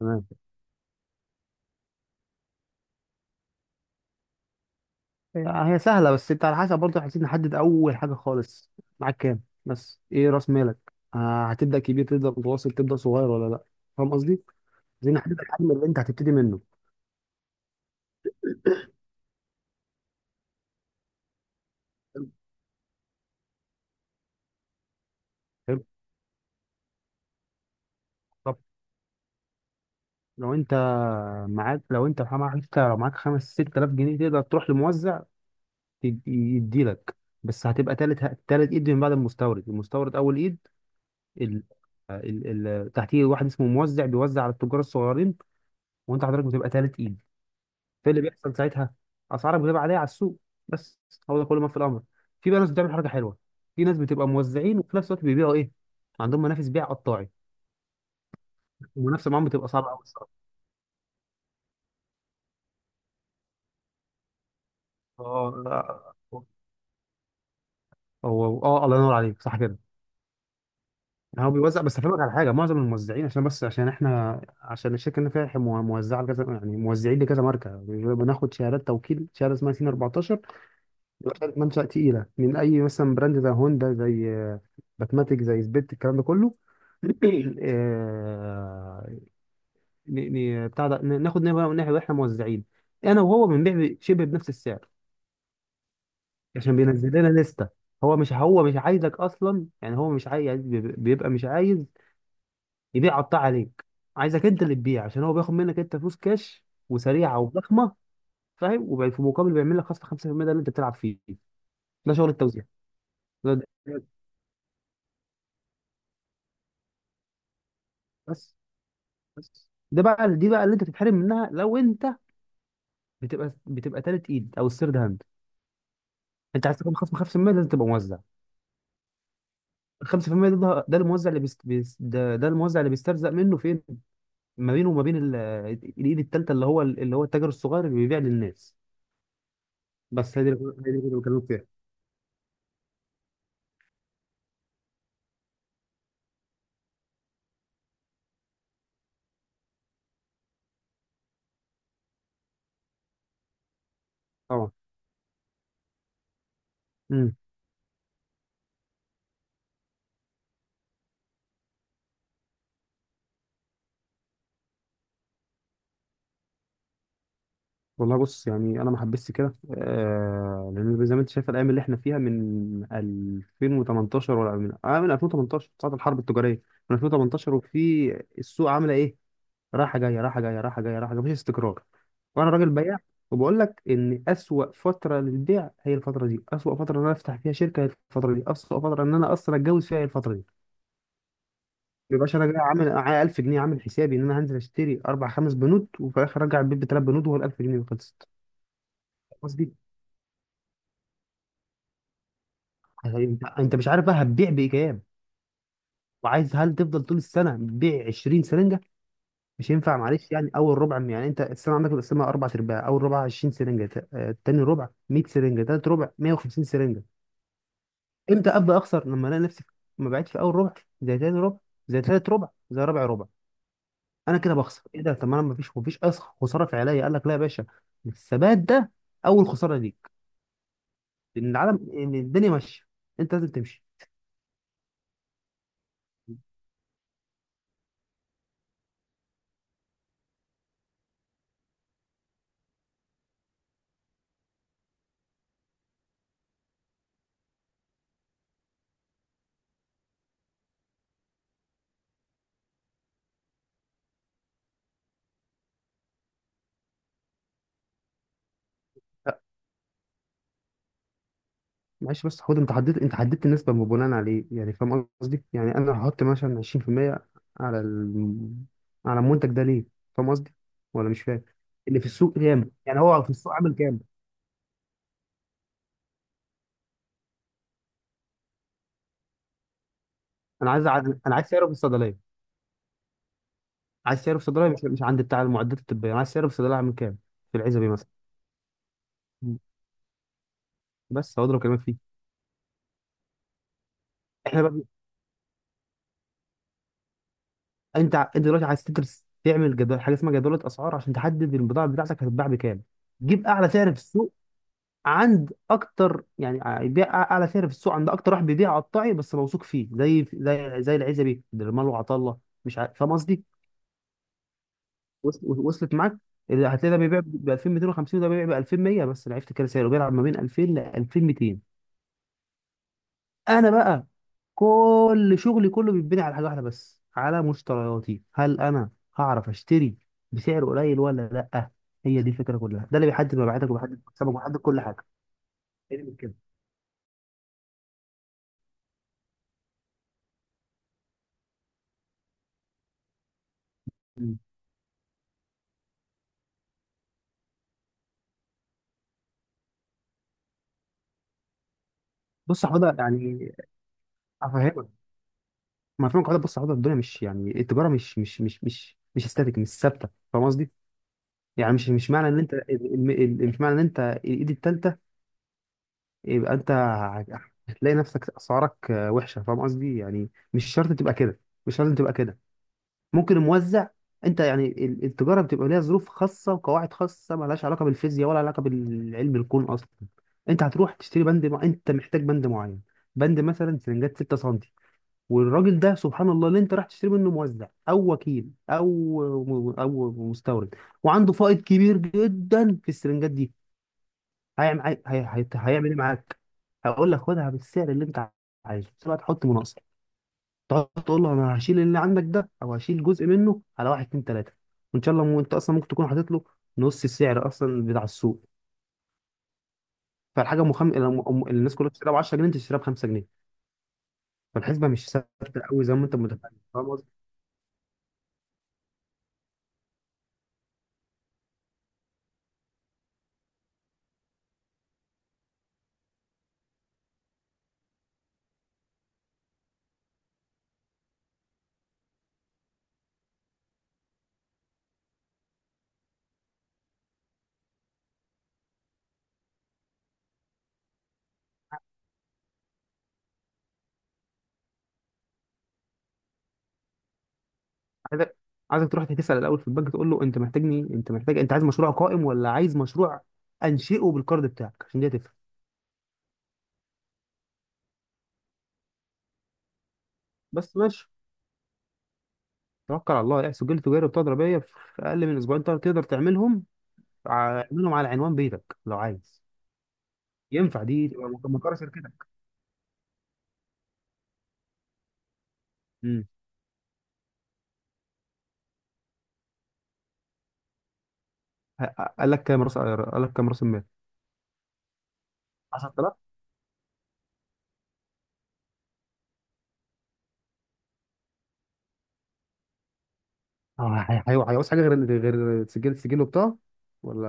تمام. هي هي سهله، بس انت على حسب برضه عايزين نحدد اول حاجه خالص. معاك كام؟ بس ايه راس مالك؟ آه، هتبدا كبير، تبدا متوسط، تبدا صغير ولا لا؟ فاهم قصدي؟ عايزين نحدد الحجم اللي انت هتبتدي منه. حلو. طب، لو انت معاك حتى لو معاك خمس ست آلاف جنيه، تقدر تروح لموزع يديلك. بس هتبقى تالت ايد، من بعد المستورد اول ايد. ال... تحتيه واحد اسمه موزع، بيوزع على التجار الصغيرين، وانت حضرتك بتبقى تالت ايد. فايه اللي بيحصل ساعتها؟ اسعارك بتبقى عاليه على السوق، بس. هو ده كل ما في الامر. في بقى ناس بتعمل حركه حلوه، في ناس بتبقى موزعين وفي نفس الوقت بيبيعوا ايه؟ عندهم منافس بيع قطاعي. المنافسه معاهم بتبقى صعبه قوي الصراحه. اه. هو اه، الله ينور عليك، صح كده. يعني هو بيوزع، بس افهمك على حاجه. معظم الموزعين، عشان احنا، عشان الشركه اللي فيها موزعه لكذا، يعني موزعين لكذا ماركه، بناخد شهادات توكيل، شهاده اسمها سين 14. دخلت منشأ تقيلة من أي مثلا براند، زي هوندا، زي باتماتيك، زي سبيت، الكلام ده كله. آه، ن- ناخد نبرة من ناحية، واحنا موزعين، أنا وهو بنبيع شبه بنفس السعر، عشان بينزل لنا لستة. هو مش عايزك أصلا، يعني هو مش عايز، بيبقى مش عايز يبيع قطاع عليك، عايزك أنت اللي تبيع، عشان هو بياخد منك أنت فلوس كاش وسريعة وضخمة. فاهم؟ وفي مقابل بيعمل لك خصم 5%. ده اللي أنت بتلعب فيه. ده شغل التوزيع. ده- ده- بس بس ده بقى، دي بقى اللي انت تتحرم منها لو انت بتبقى تالت ايد، او الثيرد هاند. انت عايز تكون خصم 5%، لازم تبقى موزع. ال 5% ده، ده الموزع اللي بيست، ده ده الموزع اللي بيسترزق منه فين؟ ما بينه وما بين الايد التالتة، اللي هو اللي هو التاجر الصغير اللي بيبيع للناس. بس هي دي اللي كنت بكلمك فيها. اه. امم. والله بص، يعني انا ما حبستش كده، آه، لان زي ما انت شايف الايام اللي احنا فيها، من 2018، ولا من 2018، ساعه الحرب التجاريه، من 2018، وفي السوق عامله ايه؟ رايحه جايه، مفيش استقرار. وانا راجل بياع، وبقول لك ان اسوأ فتره للبيع هي الفتره دي، اسوأ فتره ان انا افتح فيها شركه هي الفتره دي، اسوأ فتره ان انا اصلا اتجوز فيها هي الفتره دي. ما يبقاش انا جاي عامل معايا 1000 جنيه، عامل حسابي ان انا هنزل اشتري اربع خمس بنود، وفي الاخر ارجع البيت بثلاث بنود، وهو ال 1000 جنيه خلصت. قصدي، انت مش عارف بقى هتبيع بايجاب، وعايز، هل تفضل طول السنه بتبيع 20 سرنجه؟ مش ينفع. معلش، يعني اول ربع، يعني انت السنه عندك القسمه اربع ارباع، اول ربع 20 سرنجه تاني ربع 100 سرنجه، تالت ربع 150 سرنجه. امتى ابدا اخسر؟ لما الاقي نفسي ما بعتش في اول ربع، زي تاني ربع، زي تالت ربع، زي رابع ربع. انا كده بخسر. ايه ده؟ طب ما انا ما فيش اصلا خساره فعليه. قال لك لا يا باشا، الثبات ده اول خساره ليك، لان العالم، ان الدنيا ماشيه، انت لازم تمشي. معلش، بس خد، انت حددت النسبة بناء على ايه؟ يعني فاهم قصدي؟ يعني انا هحط مثلا 20% على على المنتج ده ليه؟ فاهم قصدي ولا مش فاهم؟ اللي في السوق كام؟ يعني هو في السوق عامل كام؟ انا عايز ع- انا عايز سعره في الصيدليه. عايز سعره في الصيدليه، مش عند بتاع المعدات الطبيه، انا عايز سعره في الصيدليه عامل كام. في العزبي مثلا. مم. بس هو ده اللي بكلمك فيه. احنا بقى، انت دلوقتي عايز تدرس، تعمل جدول، حاجه اسمها جدوله اسعار، عشان تحدد البضاعه بتاعتك هتتباع بكام. جيب اعلى سعر في السوق عند اكتر، يعني بيع اعلى سعر في السوق عند اكتر واحد بيبيع قطاعي بس موثوق فيه، زي زي العزبي، درمال، وعطله. مش عارف، فاهم قصدي؟ وصلت معاك. اللي هتلاقي ده بيبيع ب 2250، وده بيبيع ب 2100، بس انا عرفت كده سعره بيلعب ما بين 2000 ل 2200. انا بقى كل شغلي كله بيتبني على حاجه واحده بس، على مشترياتي. هل انا هعرف اشتري بسعر قليل ولا لا؟ هي دي الفكره كلها. ده اللي بيحدد مبيعاتك، وبيحدد مكسبك، وبيحدد كل حاجه. تاني من كده. مم. بص يا حوده، يعني افهمك، ما فاهم كده. بص حضرتك، الدنيا مش، يعني التجاره مش استاتيك، مش ثابته، فاهم قصدي؟ يعني مش معنى ان انت مش معنى ان انت الايد الثالثه، يبقى انت هتلاقي نفسك اسعارك وحشه، فاهم قصدي؟ يعني مش شرط تبقى كده، مش لازم تبقى كده. ممكن الموزع، انت يعني التجاره بتبقى ليها ظروف خاصه وقواعد خاصه، مالهاش علاقه بالفيزياء ولا علاقه بالعلم الكون اصلا. انت هتروح تشتري بند انت محتاج بند معين، بند مثلا سرنجات 6 سم، والراجل ده سبحان الله، اللي انت راح تشتري منه، موزع او وكيل او مستورد، وعنده فائض كبير جدا في السرنجات دي. هيعمل ايه معاك؟ هيقول لك خدها بالسعر اللي انت عايزه، بس بقى تحط مناقصه. تقعد تقول له انا هشيل اللي عندك ده، او هشيل جزء منه على واحد اتنين تلاته، وان شاء الله، انت اصلا ممكن تكون حاطط له نص السعر اصلا بتاع السوق. فالحاجه مخم... الناس كلها بتشتريها ب 10 جنيه، انت تشتريها ب 5 جنيه. فالحسبه مش ثابته قوي زي ما انت متخيل، فاهم؟ عايزك عايزك تروح تسال الاول في البنك، تقول له انت محتاجني، انت محتاج، انت عايز مشروع قائم ولا عايز مشروع انشئه بالكارد بتاعك، عشان دي هتفرق. بس ماشي، توكل على الله. يعني سجل تجاري، بطاقه ضريبيه، في اقل من اسبوعين تقدر تعملهم. اعملهم على عنوان بيتك لو عايز، ينفع دي تبقى مقر شركتك. امم. ه- قال لك كام راس قال لك كام راس المال 10000. اه، هيعوز حاجه غير، غير سجل وبطاقه، ولا؟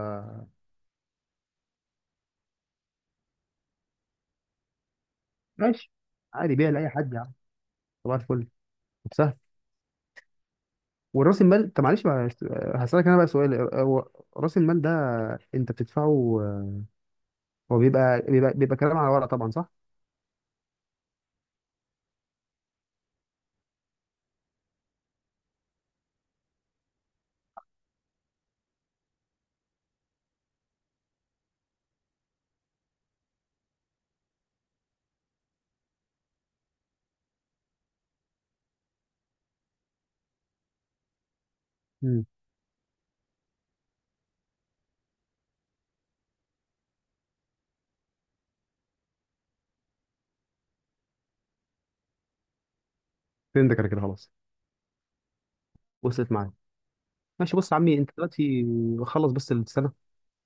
ماشي. عادي، بيع لاي حد يا عم، صباح الفل. والراس المال، طب معلش بقى، هسألك انا بقى سؤال. هو راس المال ده انت بتدفعه؟ هو بيبقى كلام على ورق طبعا، صح؟ امم. فهمتك انا كده، خلاص، وصلت معايا. ماشي. بص يا عمي، انت دلوقتي خلص بس السنه،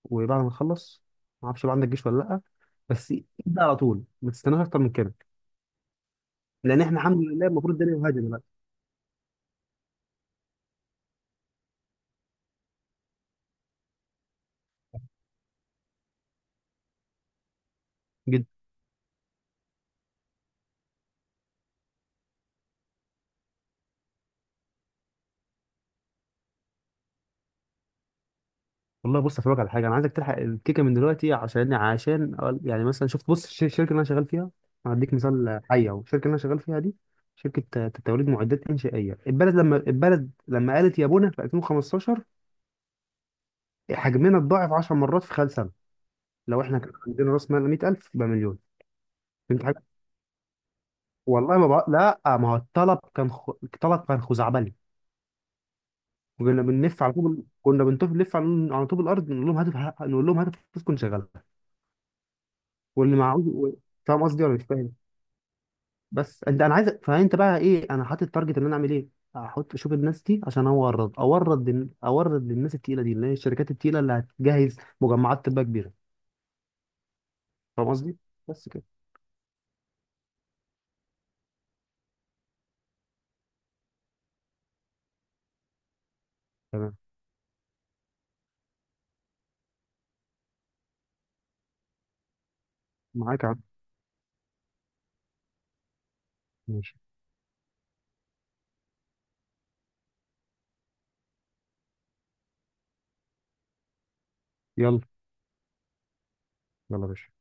وبعد ما تخلص، ما اعرفش بقى عندك جيش ولا لا، بس ابدا على طول، ما تستناش اكتر من كده. لان احنا الحمد لله المفروض الدنيا مهاجمه بقى. والله بص، افهمك على حاجه، انا عايزك تلحق الكيكه من دلوقتي، يعني مثلا شفت، بص الشركه اللي انا شغال فيها، هديك مثال حي اهو. الشركه اللي انا شغال فيها دي، شركه توريد معدات انشائيه. البلد لما قالت يا بونا، في 2015 حجمنا اتضاعف 10 مرات في خلال سنه. لو احنا كان عندنا راس مال 100000 يبقى مليون. فهمت حاجه؟ والله ما بقى لا، ما هو الطلب كان الطلب كان خزعبلي، وكنا بنلف على طول، كنا بنلف، نلف على طوب الارض، نقول لهم هاتف، نقول لهم هاتف، فلوسكم شغاله، واللي معهوش. فاهم قصدي ولا مش فاهم؟ بس انت، انا عايز، فانت بقى ايه، انا حاطط التارجت ان انا اعمل ايه، احط اشوف الناس دي عشان اورد للناس التقيله دي، اللي هي الشركات التقيله اللي هتجهز مجمعات تبقى كبيره. فاهم قصدي؟ بس كده. تمام. معاك يا عم. ماشي. يلا يلا يا باشا.